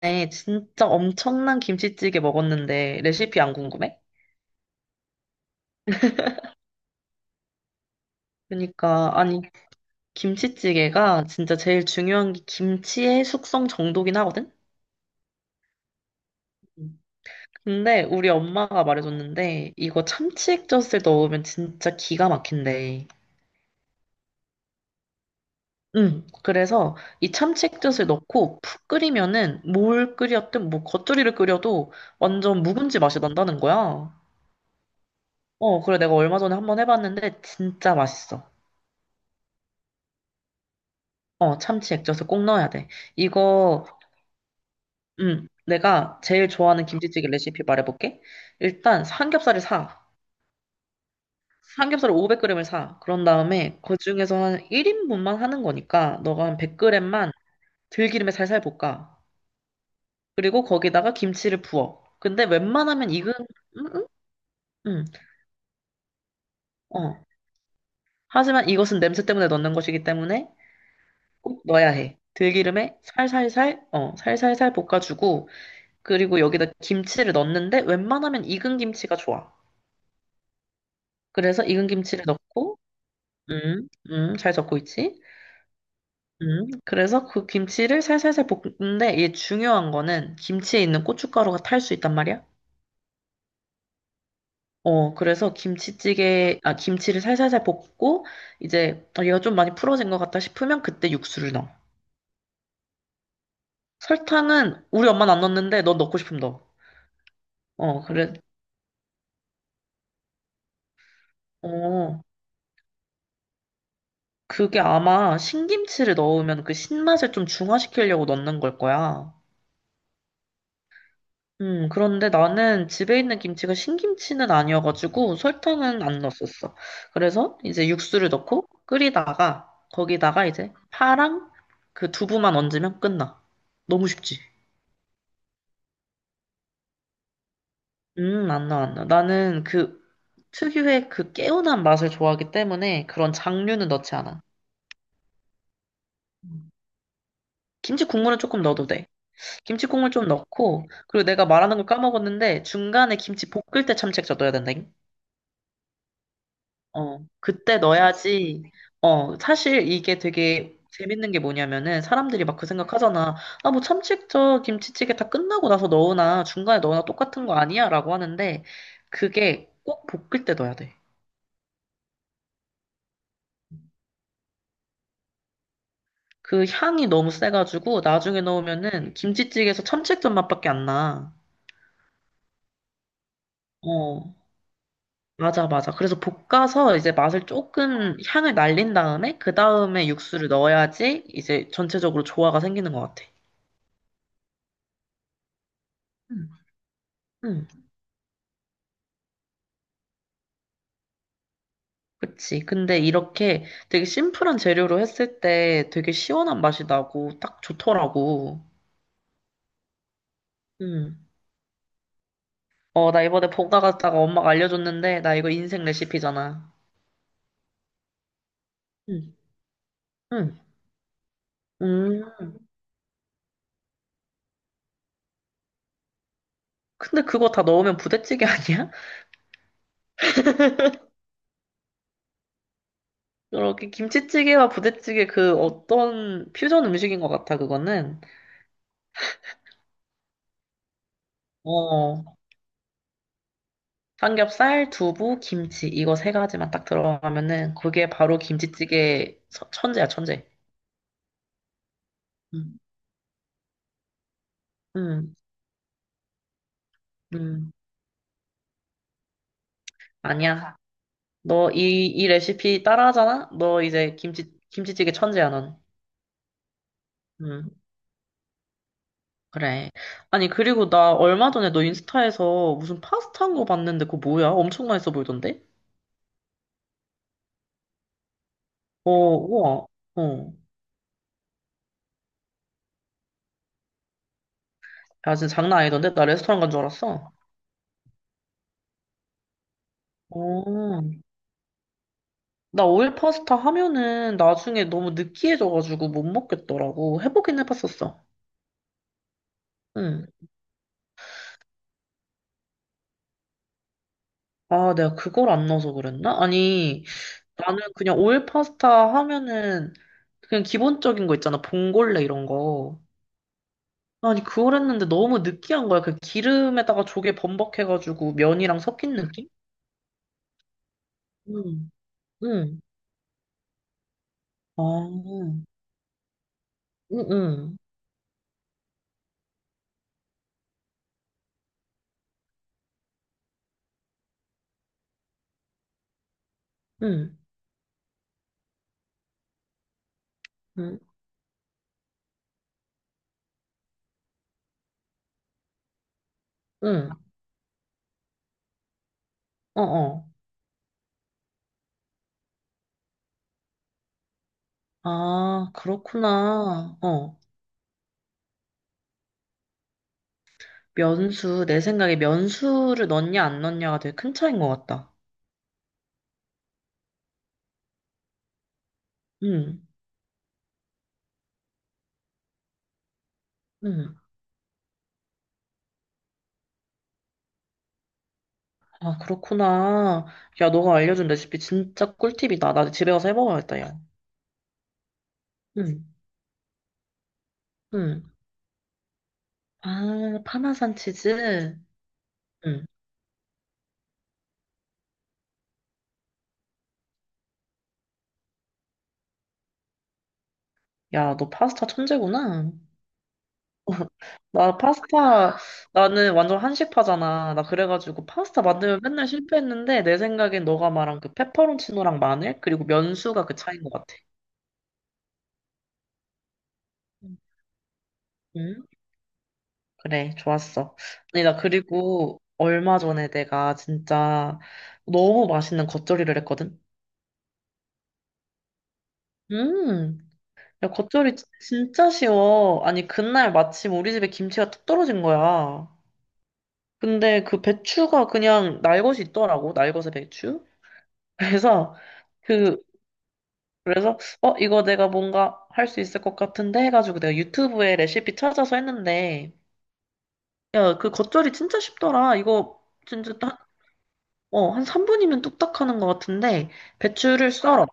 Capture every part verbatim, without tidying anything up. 네, 진짜 엄청난 김치찌개 먹었는데 레시피 안 궁금해? 그러니까 아니. 김치찌개가 진짜 제일 중요한 게 김치의 숙성 정도긴 하거든? 음. 근데 우리 엄마가 말해줬는데 이거 참치 액젓을 넣으면 진짜 기가 막힌대. 응, 그래서 이 참치 액젓을 넣고 푹 끓이면은 뭘 끓였든 뭐 겉절이를 끓여도 완전 묵은지 맛이 난다는 거야. 어, 그래 내가 얼마 전에 한번 해봤는데 진짜 맛있어. 어, 참치 액젓을 꼭 넣어야 돼. 이거, 음, 내가 제일 좋아하는 김치찌개 레시피 말해볼게. 일단 삼겹살을 사. 삼겹살을 오백 그램을 사. 그런 다음에 그 중에서 한 일 인분만 하는 거니까 너가 한 백 그램만 들기름에 살살 볶아. 그리고 거기다가 김치를 부어. 근데 웬만하면 익은, 음, 음, 음, 어. 하지만 이것은 냄새 때문에 넣는 것이기 때문에 꼭 넣어야 해. 들기름에 살살살, 어, 살살살 볶아주고 그리고 여기다 김치를 넣는데 웬만하면 익은 김치가 좋아. 그래서 익은 김치를 넣고, 음, 음, 잘 적고 있지? 음, 그래서 그 김치를 살살살 볶는데 이게 중요한 거는 김치에 있는 고춧가루가 탈 수 있단 말이야. 어, 그래서 김치찌개, 아, 김치를 살살살 볶고, 이제, 아, 얘가 좀 많이 풀어진 것 같다 싶으면 그때 육수를 넣어. 설탕은 우리 엄마는 안 넣는데 넌 넣고 싶으면 넣어. 어, 그래. 어, 그게 아마 신김치를 넣으면 그 신맛을 좀 중화시키려고 넣는 걸 거야. 음, 그런데 나는 집에 있는 김치가 신김치는 아니어가지고 설탕은 안 넣었었어. 그래서 이제 육수를 넣고 끓이다가 거기다가 이제 파랑 그 두부만 얹으면 끝나. 너무 쉽지? 음, 안 나, 안 나. 나는 그 특유의 그 개운한 맛을 좋아하기 때문에 그런 장류는 넣지 않아. 김치 국물은 조금 넣어도 돼. 김치 국물 좀 넣고, 그리고 내가 말하는 걸 까먹었는데, 중간에 김치 볶을 때 참치액젓 넣어야 된다잉? 어, 그때 넣어야지. 어, 사실 이게 되게 재밌는 게 뭐냐면은, 사람들이 막 그 생각하잖아. 아, 뭐 참치액젓 김치찌개 다 끝나고 나서 넣으나, 중간에 넣으나 똑같은 거 아니야? 라고 하는데, 그게 꼭 볶을 때 넣어야 돼. 그 향이 너무 세가지고, 나중에 넣으면은, 김치찌개에서 참치액젓 맛밖에 안 나. 어, 맞아, 맞아. 그래서 볶아서 이제 맛을 조금 향을 날린 다음에 그 다음에 육수를 넣어야지 이제 전체적으로 조화가 생기는 것 같아. 음, 음, 그치. 근데 이렇게 되게 심플한 재료로 했을 때 되게 시원한 맛이 나고 딱 좋더라고. 음. 어, 나 이번에 볶아 갔다가 엄마가 알려줬는데 나 이거 인생 레시피잖아. 음, 음, 음. 근데 그거 다 넣으면 부대찌개 아니야? 이렇게 김치찌개와 부대찌개 그 어떤 퓨전 음식인 것 같아, 그거는. 어, 삼겹살, 두부, 김치 이거 세 가지만 딱 들어가면은 그게 바로 김치찌개 서- 천재야 천재. 음, 음, 음. 아니야. 너 이 이 레시피 따라하잖아? 너 이제 김치 김치찌개 천재야 넌. 음, 그래. 아니 그리고 나 얼마 전에 너 인스타에서 무슨 파스타 한 거 봤는데 그거 뭐야? 엄청 맛있어 보이던데? 어, 우와. 어. 야 진짜 장난 아니던데? 나 레스토랑 간 줄 알았어. 어. 나 오일 파스타 하면은 나중에 너무 느끼해져가지고 못 먹겠더라고. 해보긴 해봤었어. 응. 아, 내가 그걸 안 넣어서 그랬나? 아니, 나는 그냥 오일 파스타 하면은 그냥 기본적인 거 있잖아. 봉골레 이런 거. 아니, 그걸 했는데 너무 느끼한 거야. 그 기름에다가 조개 범벅해가지고 면이랑 섞인 느낌? 응, 응. 아, 응, 응, 응, 응, 응. 어, 어. 아, 그렇구나. 어. 면수, 내 생각에 면수를 넣냐 안 넣냐가 되게 큰 차이인 것 같다. 음, 음. 아, 그렇구나. 야, 너가 알려준 레시피 진짜 꿀팁이다. 나도 집에 가서 해먹어야겠다, 야. 음, 음. 아, 파마산 치즈. 음. 야, 너 파스타 천재구나. 나 파스타, 나는 완전 한식파잖아. 나 그래가지고 파스타 만들면 맨날 실패했는데, 내 생각엔 너가 말한 그 페퍼론치노랑 마늘, 그리고 면수가 그 차이인 것 같아. 음. 그래, 좋았어. 아니, 나 그리고 얼마 전에 내가 진짜 너무 맛있는 겉절이를 했거든? 음, 야, 겉절이 진- 진짜 쉬워. 아니, 그날 마침 우리 집에 김치가 뚝 떨어진 거야. 근데 그 배추가 그냥 날것이 있더라고, 날것의 배추? 그래서, 그, 그래서, 어, 이거 내가 뭔가 할 수 있을 것 같은데 해가지고 내가 유튜브에 레시피 찾아서 했는데, 야, 그 겉절이 진짜 쉽더라. 이거 진짜 어, 한 삼 분이면 뚝딱 하는 것 같은데, 배추를 썰어.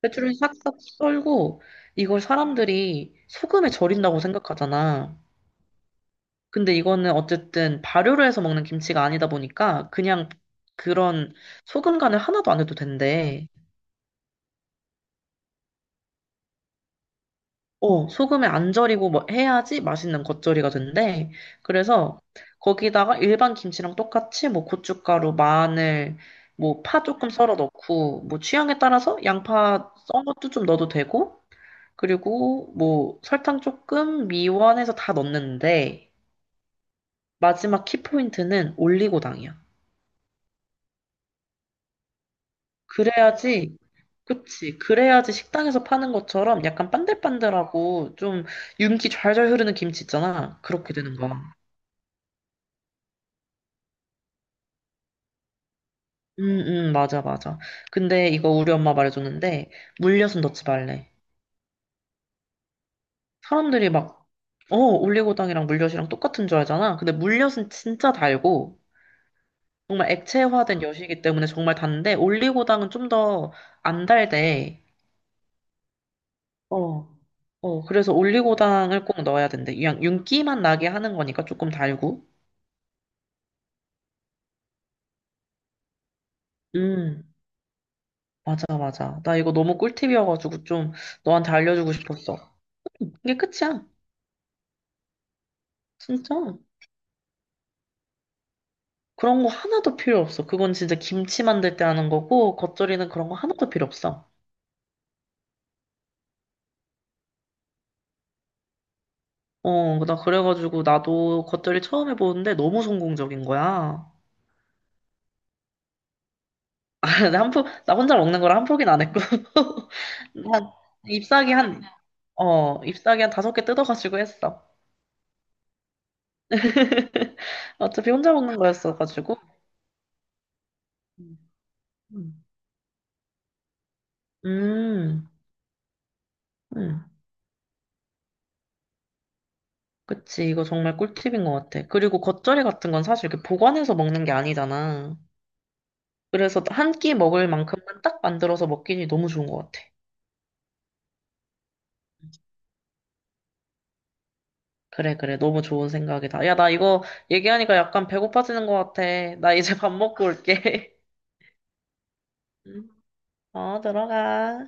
배추를 싹싹 썰고, 이걸 사람들이 소금에 절인다고 생각하잖아. 근데 이거는 어쨌든 발효를 해서 먹는 김치가 아니다 보니까, 그냥 그런 소금 간을 하나도 안 해도 된대. 어, 소금에 안 절이고 뭐 해야지 맛있는 겉절이가 된대. 그래서 거기다가 일반 김치랑 똑같이 뭐 고춧가루, 마늘, 뭐 파 조금 썰어 넣고, 뭐 취향에 따라서 양파 썬 것도 좀 넣어도 되고, 그리고 뭐 설탕 조금 미원해서 다 넣는데 마지막 키포인트는 올리고당이야. 그래야지, 그치. 그래야지 식당에서 파는 것처럼 약간 반들반들하고 좀 윤기 좌절 흐르는 김치 있잖아. 그렇게 되는 거야. 음, 음, 맞아, 맞아. 근데 이거 우리 엄마 말해줬는데 물엿은 넣지 말래. 사람들이 막, 어, 올리고당이랑 물엿이랑 똑같은 줄 알잖아. 근데 물엿은 진짜 달고 정말 액체화된 엿이기 때문에 정말 단데 올리고당은 좀 더 안 달대. 어. 어, 그래서 올리고당을 꼭 넣어야 된대. 그냥 윤기만 나게 하는 거니까 조금 달고. 음, 맞아, 맞아. 나 이거 너무 꿀팁이어가지고 좀 너한테 알려주고 싶었어. 이게 끝이야. 진짜. 그런 거 하나도 필요 없어. 그건 진짜 김치 만들 때 하는 거고, 겉절이는 그런 거 하나도 필요 없어. 어, 나 그래가지고 나도 겉절이 처음 해보는데 너무 성공적인 거야. 근데 한 포, 나 혼자 먹는 거라 한 포기는 안 했고. 한, 잎사귀 한, 어, 잎사귀 한 다섯 개 뜯어가지고 했어. 어차피 혼자 먹는 거였어가지고. 음, 음, 음. 그치. 이거 정말 꿀팁인 것 같아. 그리고 겉절이 같은 건 사실 이렇게 보관해서 먹는 게 아니잖아. 그래서 한 끼 먹을 만큼만 딱 만들어서 먹기니 너무 좋은 것 같아. 그래, 그래. 너무 좋은 생각이다. 야, 나 이거 얘기하니까 약간 배고파지는 것 같아. 나 이제 밥 먹고 올게. 어, 들어가.